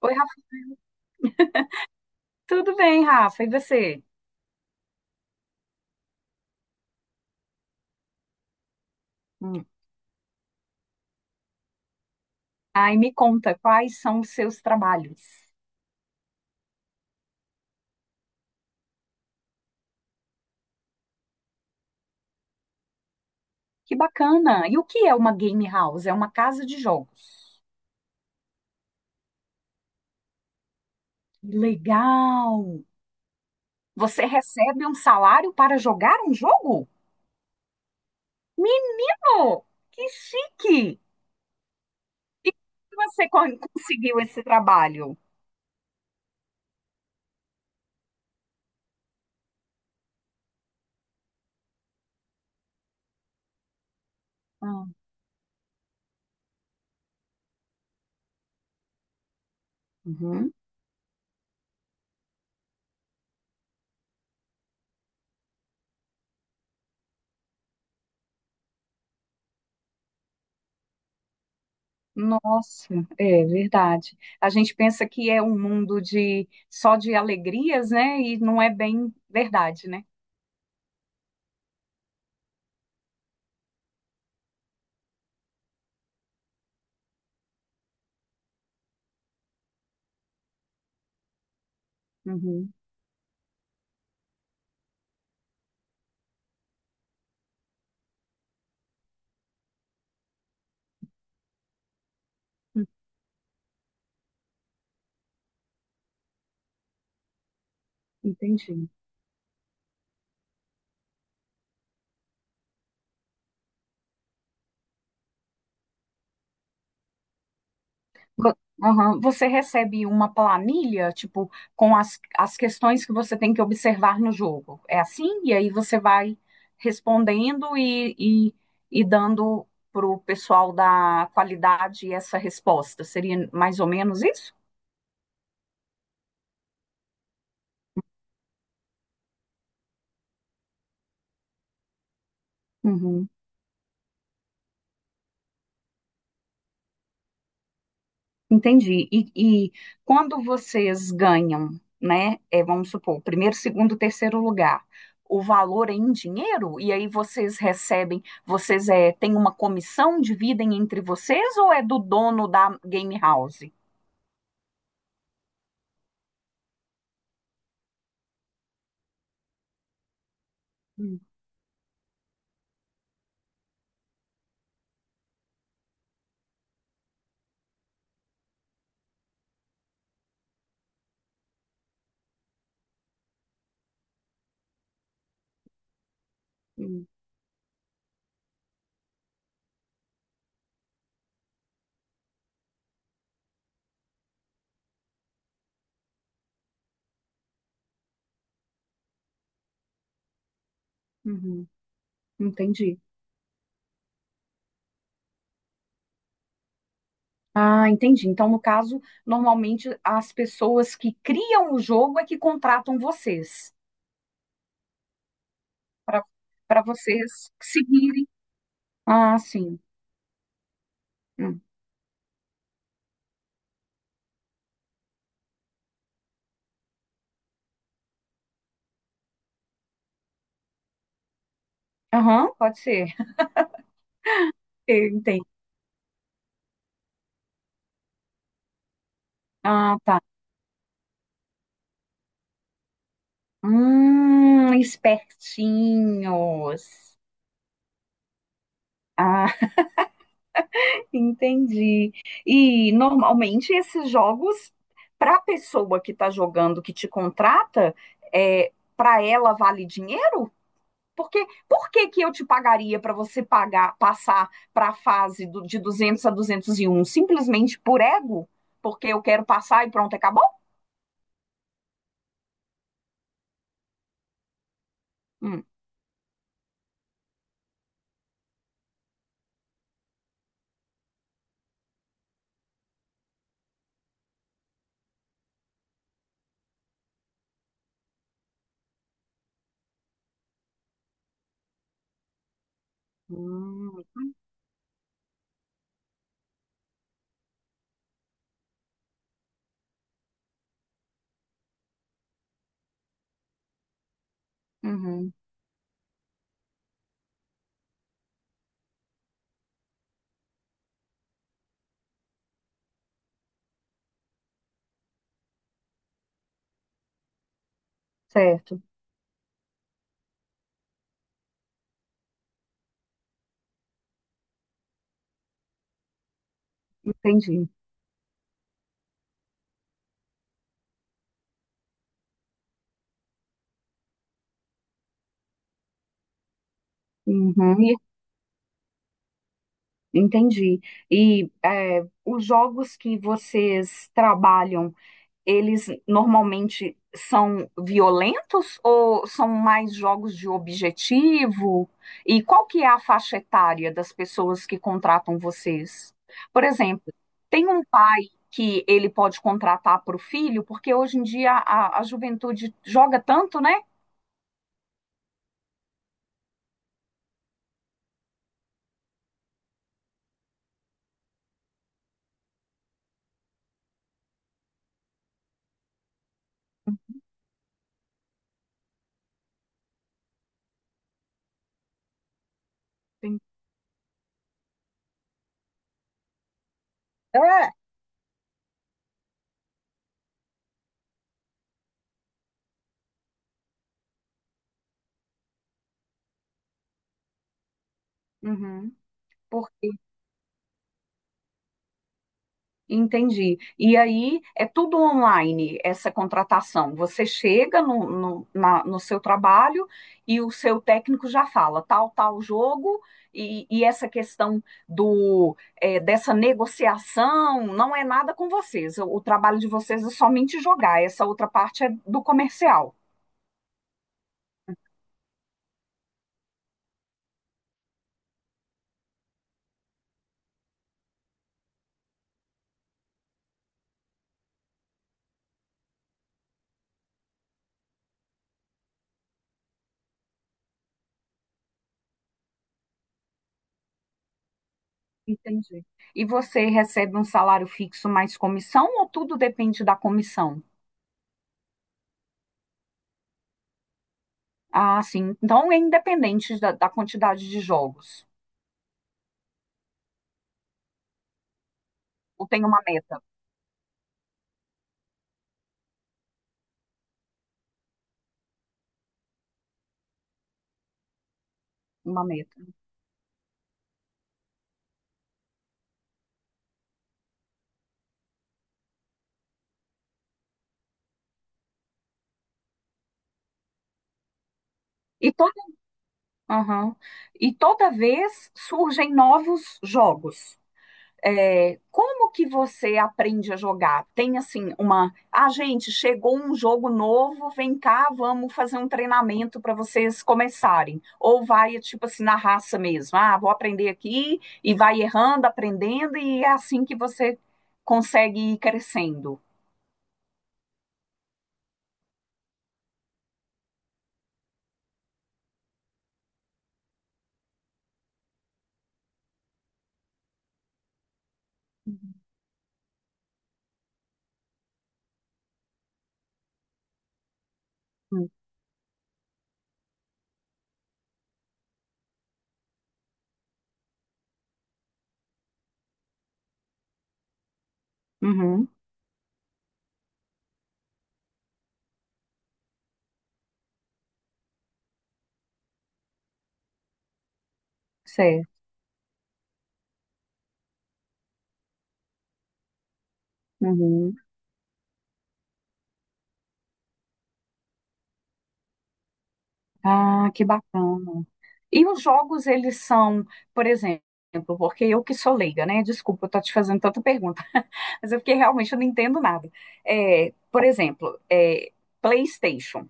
Oi, Rafa. Tudo bem, Rafa? E você? Hum. Ai, me conta, quais são os seus trabalhos? Que bacana! E o que é uma game house? É uma casa de jogos. Legal! Você recebe um salário para jogar um jogo? Menino, que chique! E como você conseguiu esse trabalho? Ah, uhum. Nossa, é verdade. A gente pensa que é um mundo de só de alegrias, né? E não é bem verdade, né? Uhum. Entendi. Vo- aham. Você recebe uma planilha, tipo, com as questões que você tem que observar no jogo. É assim? E aí você vai respondendo e, e dando para o pessoal da qualidade essa resposta. Seria mais ou menos isso? Entendi. E quando vocês ganham, né? Vamos supor, primeiro, segundo, terceiro lugar, o valor é em dinheiro? E aí vocês recebem, vocês têm uma comissão, dividem entre vocês ou é do dono da game house? Hum, hum, uhum, entendi. Ah, entendi. Então, no caso, normalmente as pessoas que criam o jogo é que contratam vocês para para vocês seguirem. Ah, sim. Hum. Aham, pode ser. Eu entendo. Ah, tá. Espertinhos. Ah, entendi. E normalmente esses jogos, para a pessoa que está jogando, que te contrata, para ela vale dinheiro? Porque, por que que eu te pagaria para você pagar, passar para a fase de 200 a 201? Simplesmente por ego? Porque eu quero passar e pronto, acabou? Hum. Hum, uhum, certo, entendi. Uhum. Entendi. E os jogos que vocês trabalham, eles normalmente são violentos ou são mais jogos de objetivo? E qual que é a faixa etária das pessoas que contratam vocês? Por exemplo, tem um pai que ele pode contratar para o filho, porque hoje em dia a juventude joga tanto, né? Tem- É, uhum. Entendi. E aí é tudo online essa contratação. Você chega no seu trabalho e o seu técnico já fala tal, tal jogo, e essa questão do dessa negociação não é nada com vocês. O trabalho de vocês é somente jogar, essa outra parte é do comercial. Entendi. E você recebe um salário fixo mais comissão ou tudo depende da comissão? Ah, sim. Então é independente da quantidade de jogos. Eu tenho uma meta, uma meta. E toda, aham. E toda vez surgem novos jogos. É, como que você aprende a jogar? Tem assim uma, ah, gente, chegou um jogo novo, vem cá, vamos fazer um treinamento para vocês começarem. Ou vai tipo assim na raça mesmo. Ah, vou aprender aqui e vai errando, aprendendo e é assim que você consegue ir crescendo. Uhum, sei. Uhum. Ah, que bacana. E os jogos, eles são, por exemplo, porque eu que sou leiga, né? Desculpa, eu tô te fazendo tanta pergunta, mas é porque realmente eu não entendo nada. Por exemplo, PlayStation.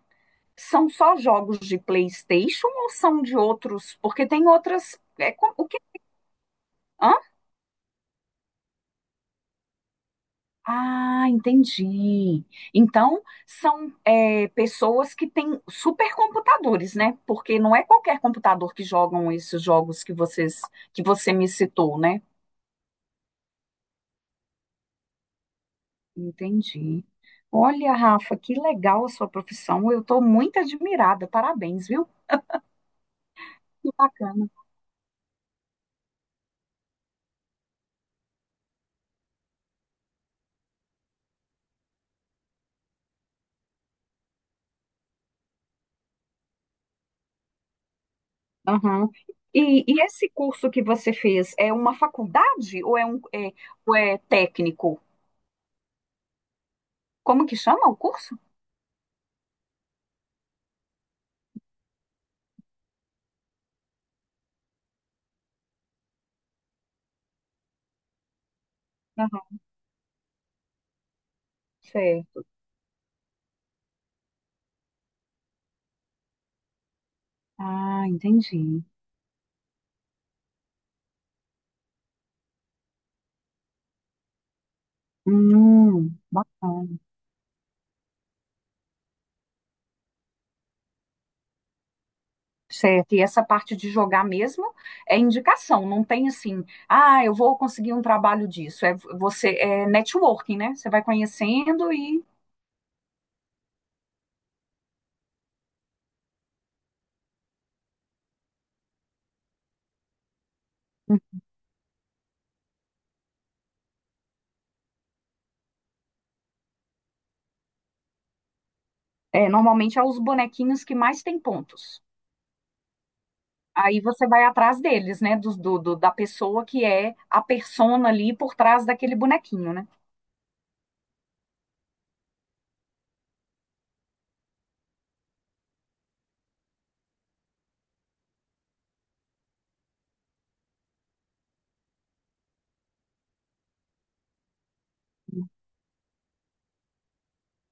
São só jogos de PlayStation ou são de outros? Porque tem outras. O que? Hã? Ah, entendi. Então, são pessoas que têm supercomputadores, né? Porque não é qualquer computador que jogam esses jogos que vocês, que você me citou, né? Entendi. Olha, Rafa, que legal a sua profissão. Eu estou muito admirada. Parabéns, viu? Que bacana. Aham. E esse curso que você fez é uma faculdade ou é ou é técnico? Como que chama o curso? Aham, certo. Ah, entendi. Bacana. Certo. E essa parte de jogar mesmo é indicação, não tem assim, ah, eu vou conseguir um trabalho disso. É, você é networking, né? Você vai conhecendo e. É, normalmente é os bonequinhos que mais têm pontos. Aí você vai atrás deles, né? Da pessoa que é a persona ali por trás daquele bonequinho, né?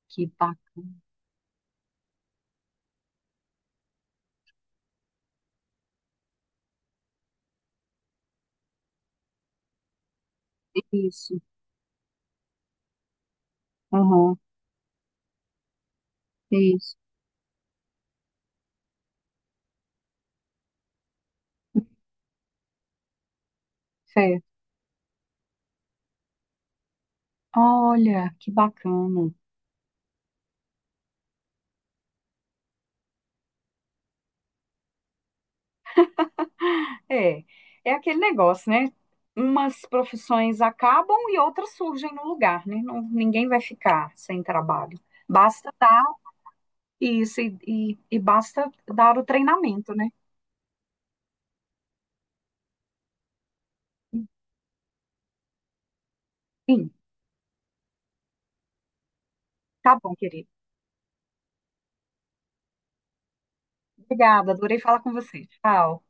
Que bacana. Isso. Aham. Isso. Certo. Olha, que bacana. É, é aquele negócio, né? Umas profissões acabam e outras surgem no lugar, né? Ninguém vai ficar sem trabalho. Basta dar isso e basta dar o treinamento, né? Sim, tá bom, querido. Obrigada, adorei falar com você. Tchau.